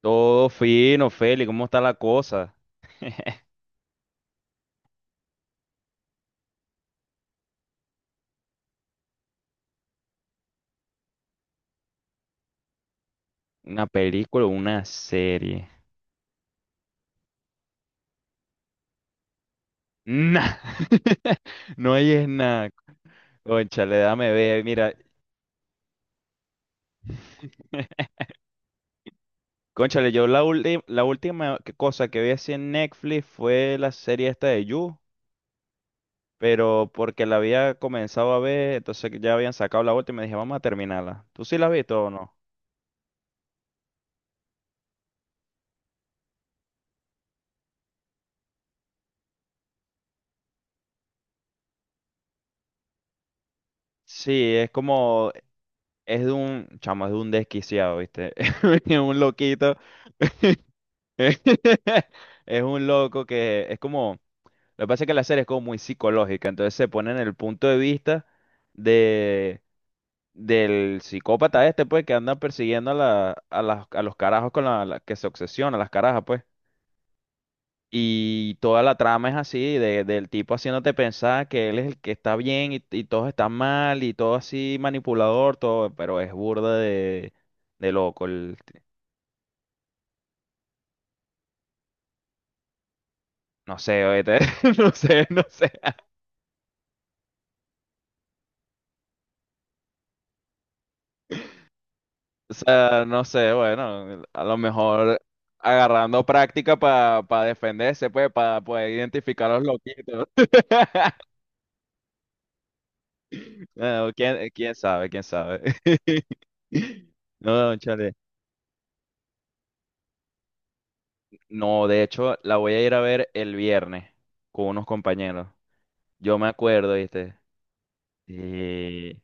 Todo fino, Feli, ¿cómo está la cosa? ¿Una película o una serie? Nah, no hay es nada. Cónchale, dame ver, mira. Cónchale, yo la, ulti- la última que- cosa que vi así en Netflix fue la serie esta de You, pero porque la había comenzado a ver, entonces ya habían sacado la última y me dije, vamos a terminarla. ¿Tú sí la has visto o no? Sí, es como, es de un, chamo, es de un desquiciado, ¿viste? Es un loquito. Es un loco que es como, lo que pasa es que la serie es como muy psicológica, entonces se pone en el punto de vista de del psicópata este, pues, que anda persiguiendo a los carajos con que se obsesiona, las carajas, pues. Y toda la trama es así, de, del tipo haciéndote pensar que él es el que está bien y todos están mal y todo así manipulador, todo, pero es burda de loco, el- no sé, oíste, no sé, no sé. O sea, no sé, bueno, a lo mejor agarrando práctica para defenderse, pues, para poder identificar a los loquitos. Bueno, ¿quién sabe? ¿Quién sabe? No, chale. No, de hecho, la voy a ir a ver el viernes con unos compañeros. Yo me acuerdo, ¿viste? Sí.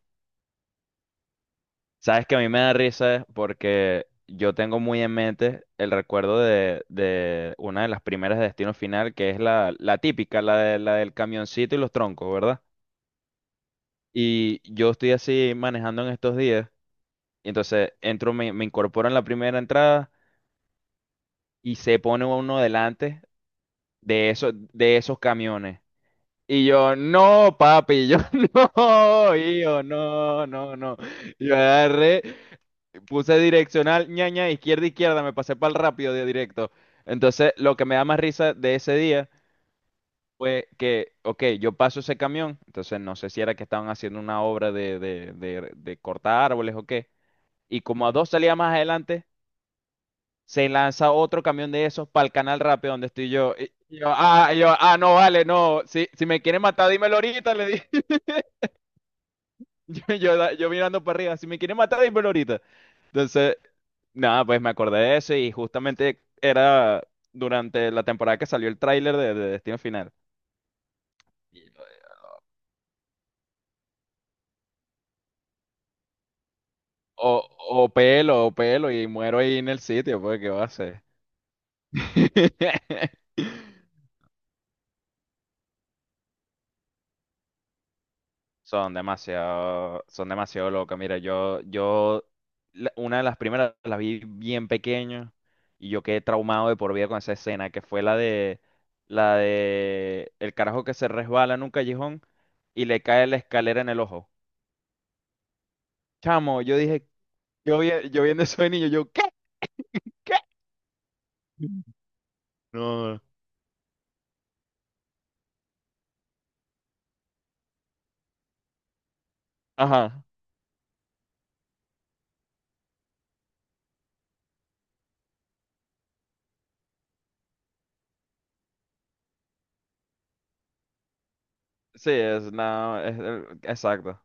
Sabes que a mí me da risa porque yo tengo muy en mente el recuerdo de una de las primeras de Destino Final, que es la, la típica, la, de, la del camioncito y los troncos, ¿verdad? Y yo estoy así manejando en estos días, y entonces entro, me incorporo en la primera entrada y se pone uno delante de esos camiones. Y yo, no, papi, y yo, no, hijo, no, no, no. Yo agarré. Puse direccional, ñaña, izquierda, izquierda, me pasé para el rápido de directo. Entonces, lo que me da más risa de ese día fue que, ok, yo paso ese camión, entonces no sé si era que estaban haciendo una obra de cortar árboles o qué, y como a dos salidas más adelante, se lanza otro camión de esos para el canal rápido donde estoy yo. Y yo, ah, y yo, ah, no, vale, no, si me quieren matar, dímelo ahorita, le dije. Yo mirando para arriba, si me quieren matar, dímelo ahorita. Entonces, nada, pues me acordé de eso y justamente era durante la temporada que salió el tráiler de Destino Final. O pelo, y muero ahí en el sitio, pues, ¿qué va a hacer? Son demasiado locas. Mira, la- una de las primeras las vi bien pequeño y yo quedé traumado de por vida con esa escena, que fue la de el carajo que se resbala en un callejón y le cae la escalera en el ojo. Chamo, yo dije, yo, vi- yo viendo eso de niño, yo, ¿qué? ¿Qué? No. Ajá. Sí, es, no, es, exacto.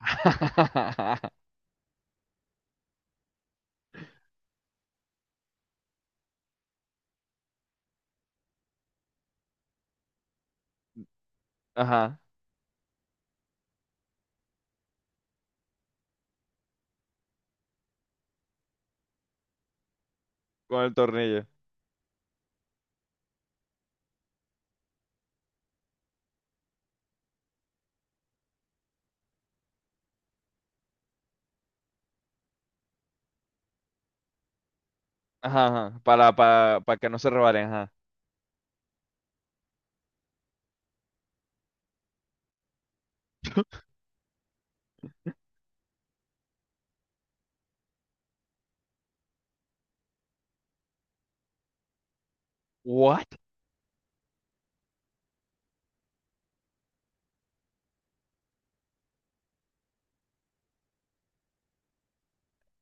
Ajá. Con el tornillo. Ajá, ajá. Para que no se resbalen. What?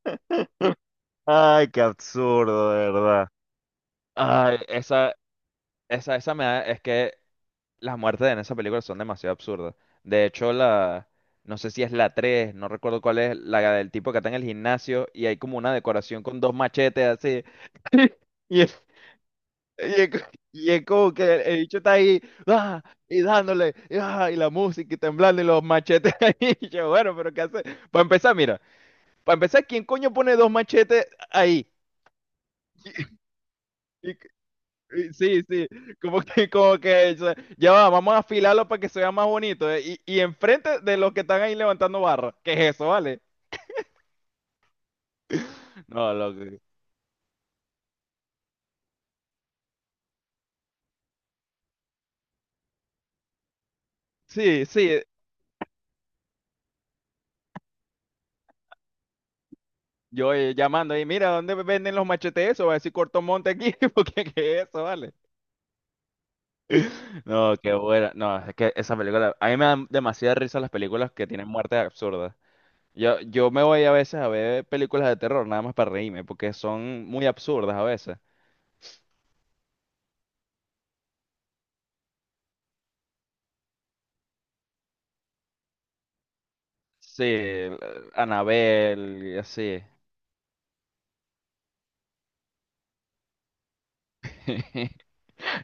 Ay, qué absurdo, de verdad. Ay, esa me da, es que las muertes en esa película son demasiado absurdas. De hecho, la, no sé si es la 3, no recuerdo cuál es, la del tipo que está en el gimnasio y hay como una decoración con dos machetes así. Y es, co- y es como que el bicho está ahí, ¡ah! Y dándole, y, ¡ah! Y la música y temblando y los machetes ahí. Y yo, bueno, pero ¿qué hace? Para empezar, mira, para empezar, ¿quién coño pone dos machetes ahí? Sí, sí, como que, o sea, ya va, vamos a afilarlo para que se vea más bonito, y enfrente de los que están ahí levantando barra, ¿qué es eso, vale? No, loco. Sí, sí, yo llamando ahí, mira, ¿dónde venden los machetes eso? Va a decir Corto Monte aquí, porque ¿qué es eso, vale? No, qué buena, no, es que esa película, a mí me dan demasiada risa las películas que tienen muertes absurdas. Yo me voy a veces a ver películas de terror, nada más para reírme, porque son muy absurdas a veces. Sí, Anabel y así.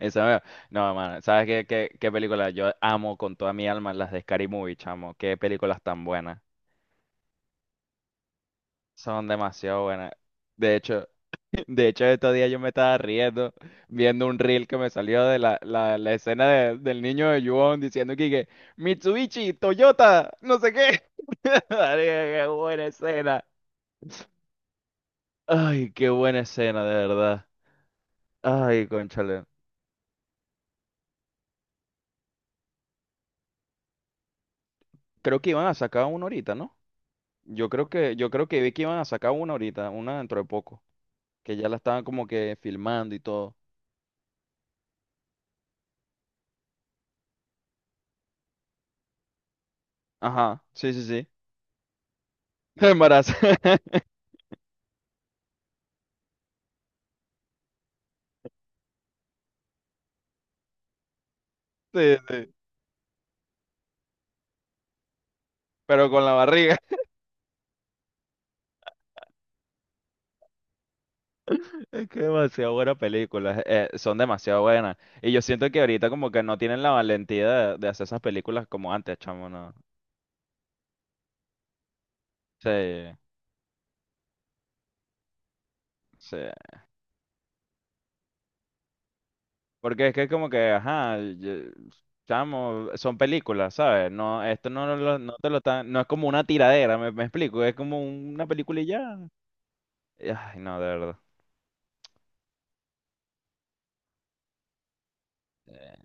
Esa me- No, mano, ¿sabes qué películas? Yo amo con toda mi alma las de Scary Movie, chamo. Qué películas tan buenas. Son demasiado buenas. De hecho, de hecho, estos días yo me estaba riendo viendo un reel que me salió de la, la escena de- del niño de Yuon diciendo que Mitsubishi, Toyota, no sé qué. Marica, qué buena escena. Ay, qué buena escena, de verdad. Ay, cónchale. Creo que iban a sacar una ahorita, ¿no? Yo creo que vi que iban a sacar una ahorita, una dentro de poco, que ya la estaban como que filmando y todo. Ajá, sí, sí, sí. Embarazo. Sí, sí. Pero con la barriga. Es que demasiado buenas películas, son demasiado buenas. Y yo siento que ahorita como que no tienen la valentía de hacer esas películas como antes, chamo, ¿no? Sí, sí. Porque es que es como que, ajá, yo- chamo, son películas, ¿sabes? No, esto no, lo- no te lo están, no es como una tiradera, me explico, es como una película y ya. Ay, no, de verdad. Eh,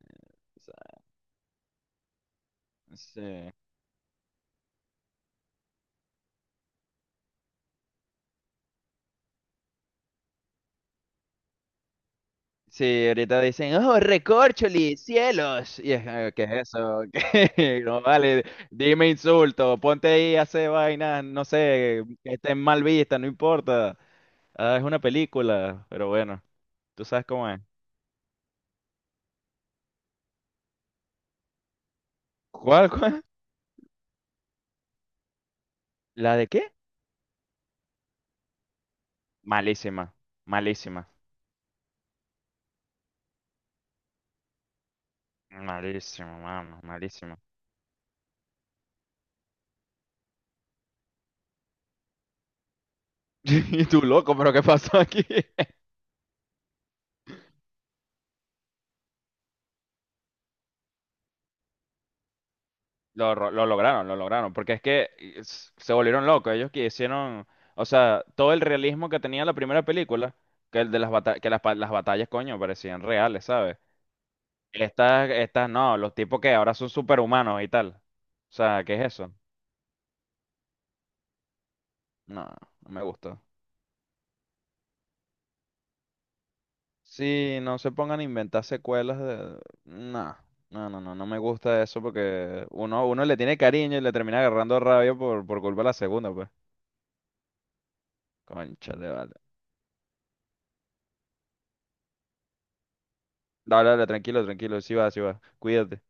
o sea, sí. Sí, ahorita dicen, oh, recorcholi, cielos. Y es, ¿qué es eso? ¿Qué? No vale, dime insulto, ponte ahí a hacer vainas, no sé, que estén mal vistas, no importa. Ah, es una película, pero bueno, tú sabes cómo es. ¿Cuál? ¿La de qué? Malísima, malísima, malísima, mano, malísima. Y tú, loco, pero ¿qué pasó aquí? Lo, ro- lo lograron, porque es que s- se volvieron locos. Ellos que hicieron, o sea, todo el realismo que tenía la primera película, que el de las batallas, que las, pa- las batallas, coño, parecían reales, ¿sabes? Estas, estas no, los tipos que ahora son superhumanos y tal. O sea, ¿qué es eso? No, no me gustó. Sí, no se pongan a inventar secuelas de... No, no, no, no, no me gusta eso porque uno, uno le tiene cariño y le termina agarrando rabia por culpa de la segunda, pues. Concha vale. Dale, dale, tranquilo, tranquilo, sí va, sí va. Cuídate.